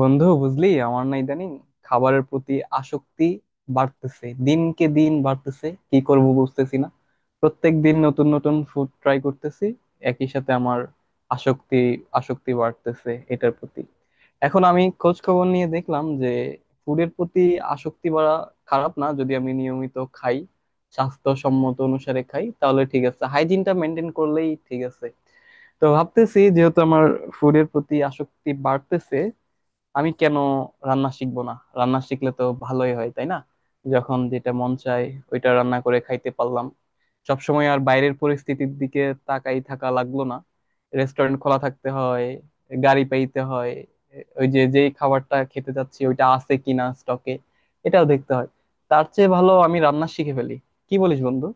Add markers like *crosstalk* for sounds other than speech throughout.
বন্ধু, বুঝলি আমার না ইদানিং খাবারের প্রতি আসক্তি বাড়তেছে, দিনকে দিন বাড়তেছে, কি করব বুঝতেছি না। প্রত্যেক দিন নতুন নতুন ফুড ট্রাই করতেছি, একই সাথে আমার আসক্তি আসক্তি বাড়তেছে এটার প্রতি। এখন আমি খোঁজ খবর নিয়ে দেখলাম যে ফুডের প্রতি আসক্তি বাড়া খারাপ না, যদি আমি নিয়মিত খাই, স্বাস্থ্যসম্মত অনুসারে খাই, তাহলে ঠিক আছে। হাইজিনটা মেনটেন করলেই ঠিক আছে। তো ভাবতেছি, যেহেতু আমার ফুডের প্রতি আসক্তি বাড়তেছে, আমি কেন রান্না শিখবো না? রান্না শিখলে তো ভালোই হয়, তাই না? যখন যেটা মন চায় ওইটা রান্না করে খাইতে পারলাম, সবসময় আর বাইরের পরিস্থিতির দিকে তাকাই থাকা লাগলো না। রেস্টুরেন্ট খোলা থাকতে হয়, গাড়ি পাইতে হয়, ওই যে যেই খাবারটা খেতে যাচ্ছি ওইটা আছে কিনা স্টকে, এটাও দেখতে হয়। তার চেয়ে ভালো আমি রান্না শিখে ফেলি। কি বলিস বন্ধু?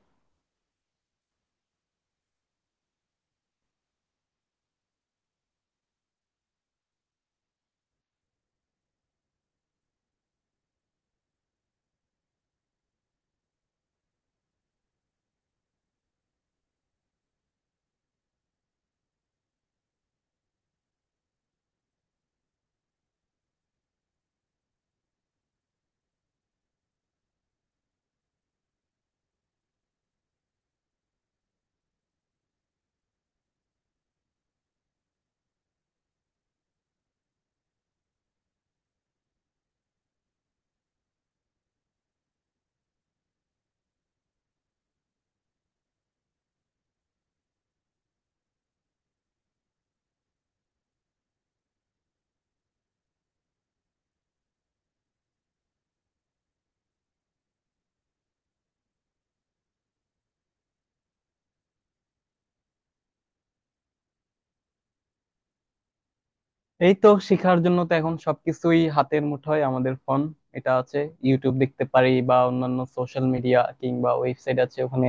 এই তো, শেখার জন্য তো এখন সবকিছুই হাতের মুঠোয়। আমাদের ফোন এটা আছে, ইউটিউব দেখতে পারি বা অন্যান্য সোশ্যাল মিডিয়া, কিংবা ওয়েবসাইট আছে, ওখানে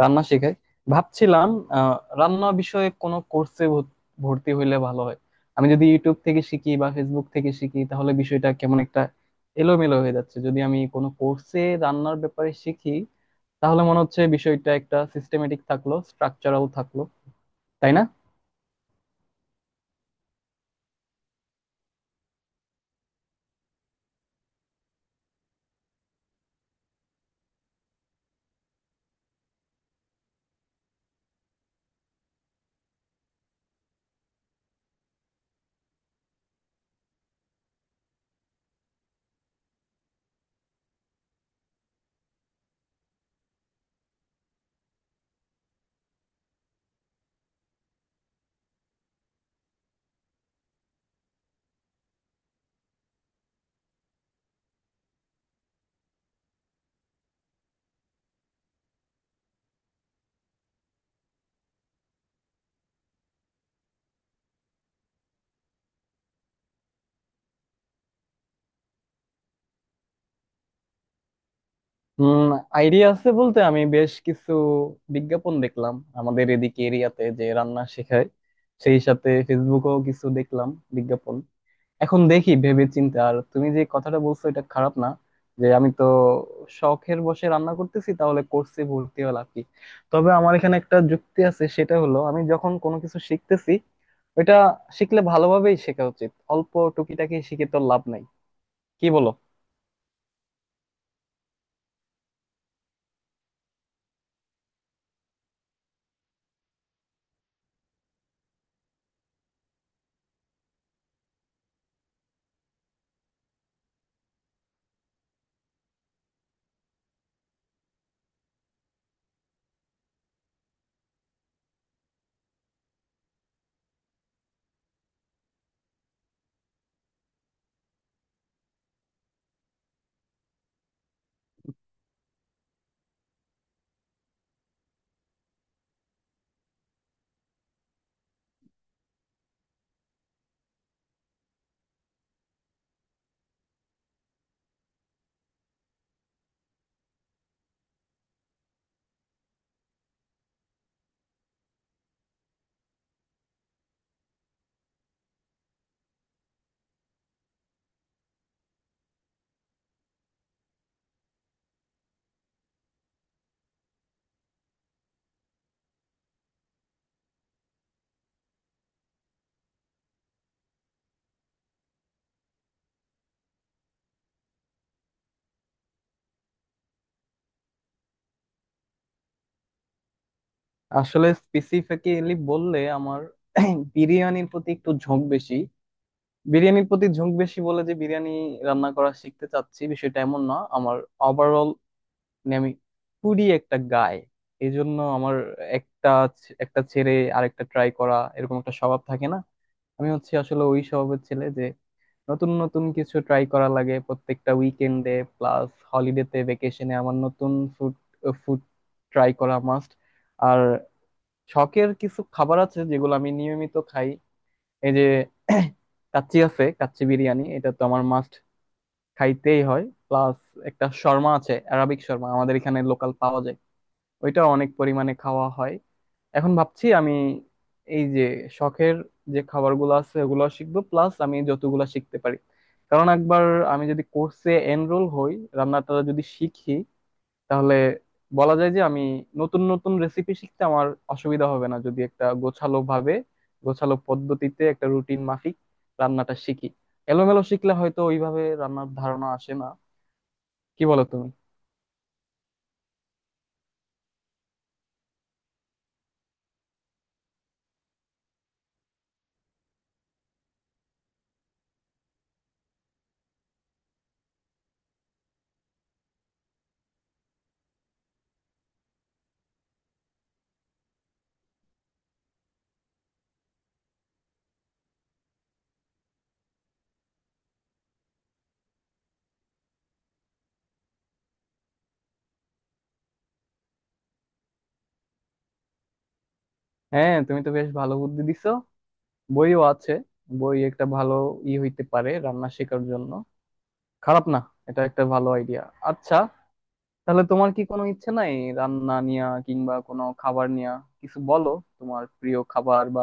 রান্না শেখায়। ভাবছিলাম রান্না বিষয়ে কোনো কোর্সে ভর্তি হইলে ভালো হয়। আমি যদি ইউটিউব থেকে শিখি বা ফেসবুক থেকে শিখি, তাহলে বিষয়টা কেমন একটা এলোমেলো হয়ে যাচ্ছে। যদি আমি কোনো কোর্সে রান্নার ব্যাপারে শিখি, তাহলে মনে হচ্ছে বিষয়টা একটা সিস্টেমেটিক থাকলো, স্ট্রাকচারাল থাকলো। তাই না? হুম। আইডিয়া আছে বলতে, আমি বেশ কিছু বিজ্ঞাপন দেখলাম আমাদের এদিকে এরিয়াতে যে রান্না শেখায়। সেই সাথে ফেসবুকেও কিছু দেখলাম বিজ্ঞাপন। এখন দেখি ভেবে চিন্তে। আর তুমি যে কথাটা বলছো, এটা খারাপ না। যে আমি তো শখের বসে রান্না করতেছি, তাহলে কোর্সে ভর্তি হলাম কি? তবে আমার এখানে একটা যুক্তি আছে, সেটা হলো, আমি যখন কোনো কিছু শিখতেছি ওইটা শিখলে ভালোভাবেই শেখা উচিত। অল্প টুকিটাকি শিখে তো লাভ নাই। কি বলো? আসলে স্পেসিফিক্যালি বললে আমার *clears throat* বিরিয়ানির প্রতি একটু ঝোঁক বেশি। বিরিয়ানির প্রতি ঝোঁক বেশি বলে যে বিরিয়ানি রান্না করা শিখতে চাচ্ছি, বিষয়টা এমন না। আমার ওভারঅল, মানে আমি পুরি একটা গায়। এই জন্য আমার একটা একটা ছেড়ে আরেকটা ট্রাই করা, এরকম একটা স্বভাব থাকে না। আমি হচ্ছে আসলে ওই স্বভাবের ছেলে, যে নতুন নতুন কিছু ট্রাই করা লাগে প্রত্যেকটা উইকেন্ডে। প্লাস হলিডেতে, ভেকেশনে, আমার নতুন ফুড ফুড ট্রাই করা মাস্ট। আর শখের কিছু খাবার আছে যেগুলো আমি নিয়মিত খাই। এই যে *clears throat* কাচ্চি আছে, কাচ্চি বিরিয়ানি, এটা তো আমার মাস্ট, খাইতেই হয়। প্লাস একটা শর্মা আছে, অ্যারাবিক শর্মা, আমাদের এখানে লোকাল পাওয়া যায়, ওইটা অনেক পরিমাণে খাওয়া হয়। এখন ভাবছি আমি, এই যে শখের যে খাবারগুলো আছে ওগুলো শিখবো, প্লাস আমি যতগুলো শিখতে পারি। কারণ একবার আমি যদি কোর্সে এনরোল হই, রান্নাটা যদি শিখি, তাহলে বলা যায় যে আমি নতুন নতুন রেসিপি শিখতে আমার অসুবিধা হবে না, যদি একটা গোছালো ভাবে, গোছালো পদ্ধতিতে, একটা রুটিন মাফিক রান্নাটা শিখি। এলোমেলো শিখলে হয়তো ওইভাবে রান্নার ধারণা আসে না। কি বলো তুমি? হ্যাঁ, তুমি তো বেশ ভালো বুদ্ধি দিছো। বইও আছে, বই একটা ভালো ই হইতে পারে রান্না শেখার জন্য। খারাপ না, এটা একটা ভালো আইডিয়া। আচ্ছা, তাহলে তোমার কি কোনো ইচ্ছে নাই রান্না নিয়া, কিংবা কোনো খাবার নিয়া কিছু বলো। তোমার প্রিয় খাবার বা?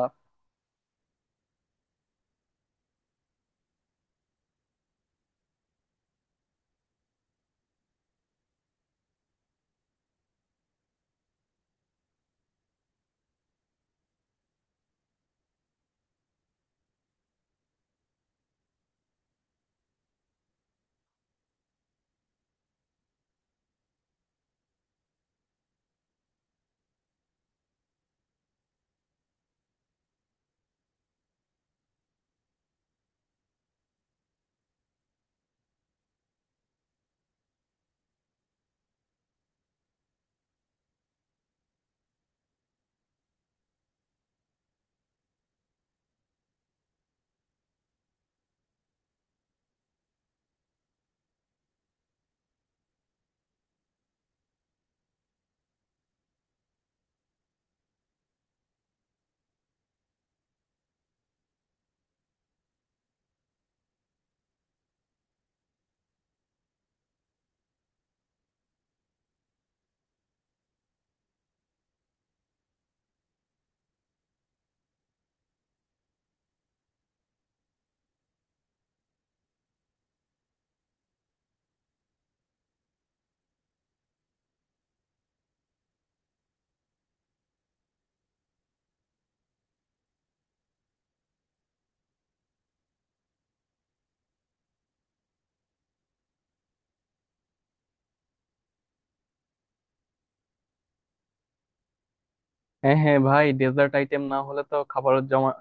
হ্যাঁ হ্যাঁ ভাই, ডেজার্ট আইটেম না হলে তো খাবার জমা,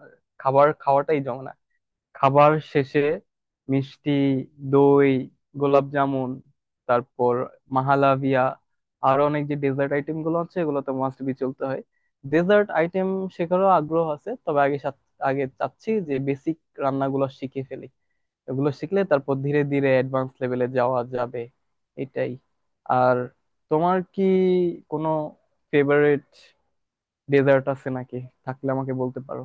খাবার খাওয়াটাই জমে না। খাবার শেষে মিষ্টি, দই, গোলাপ জামুন, তারপর মাহালাভিয়া, আরো অনেক যে ডেজার্ট আইটেম গুলো আছে, এগুলো তো মাস্ট বি চলতে হয়। ডেজার্ট আইটেম শেখারও আগ্রহ আছে, তবে আগে আগে চাচ্ছি যে বেসিক রান্নাগুলো শিখে ফেলি। এগুলো শিখলে তারপর ধীরে ধীরে অ্যাডভান্স লেভেলে যাওয়া যাবে। এটাই। আর তোমার কি কোনো ফেভারিট ডেজার্ট আছে নাকি? থাকলে আমাকে বলতে পারো।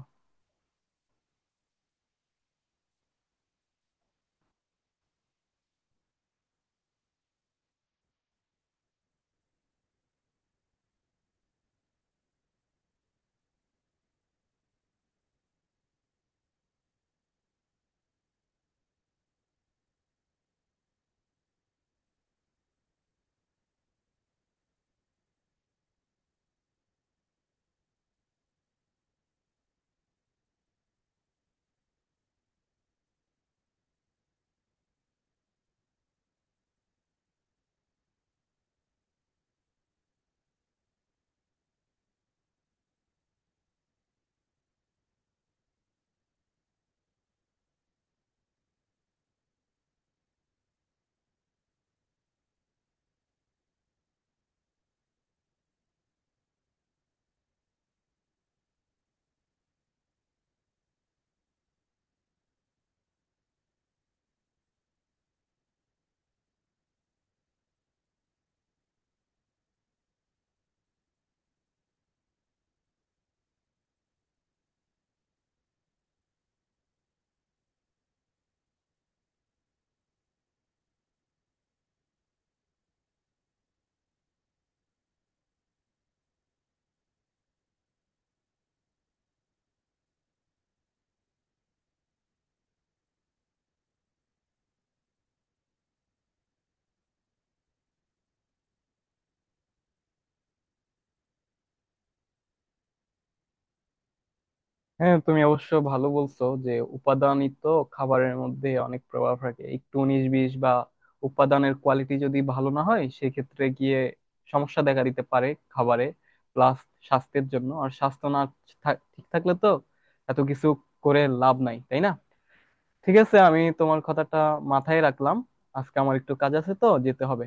হ্যাঁ, তুমি অবশ্য ভালো বলছো, যে উপাদানই তো খাবারের মধ্যে অনেক প্রভাব রাখে। একটু উনিশ বিশ বা উপাদানের কোয়ালিটি যদি ভালো না হয় সেক্ষেত্রে গিয়ে সমস্যা দেখা দিতে পারে খাবারে। প্লাস স্বাস্থ্যের জন্য, আর স্বাস্থ্য না ঠিক থাকলে তো এত কিছু করে লাভ নাই, তাই না? ঠিক আছে, আমি তোমার কথাটা মাথায় রাখলাম। আজকে আমার একটু কাজ আছে, তো যেতে হবে।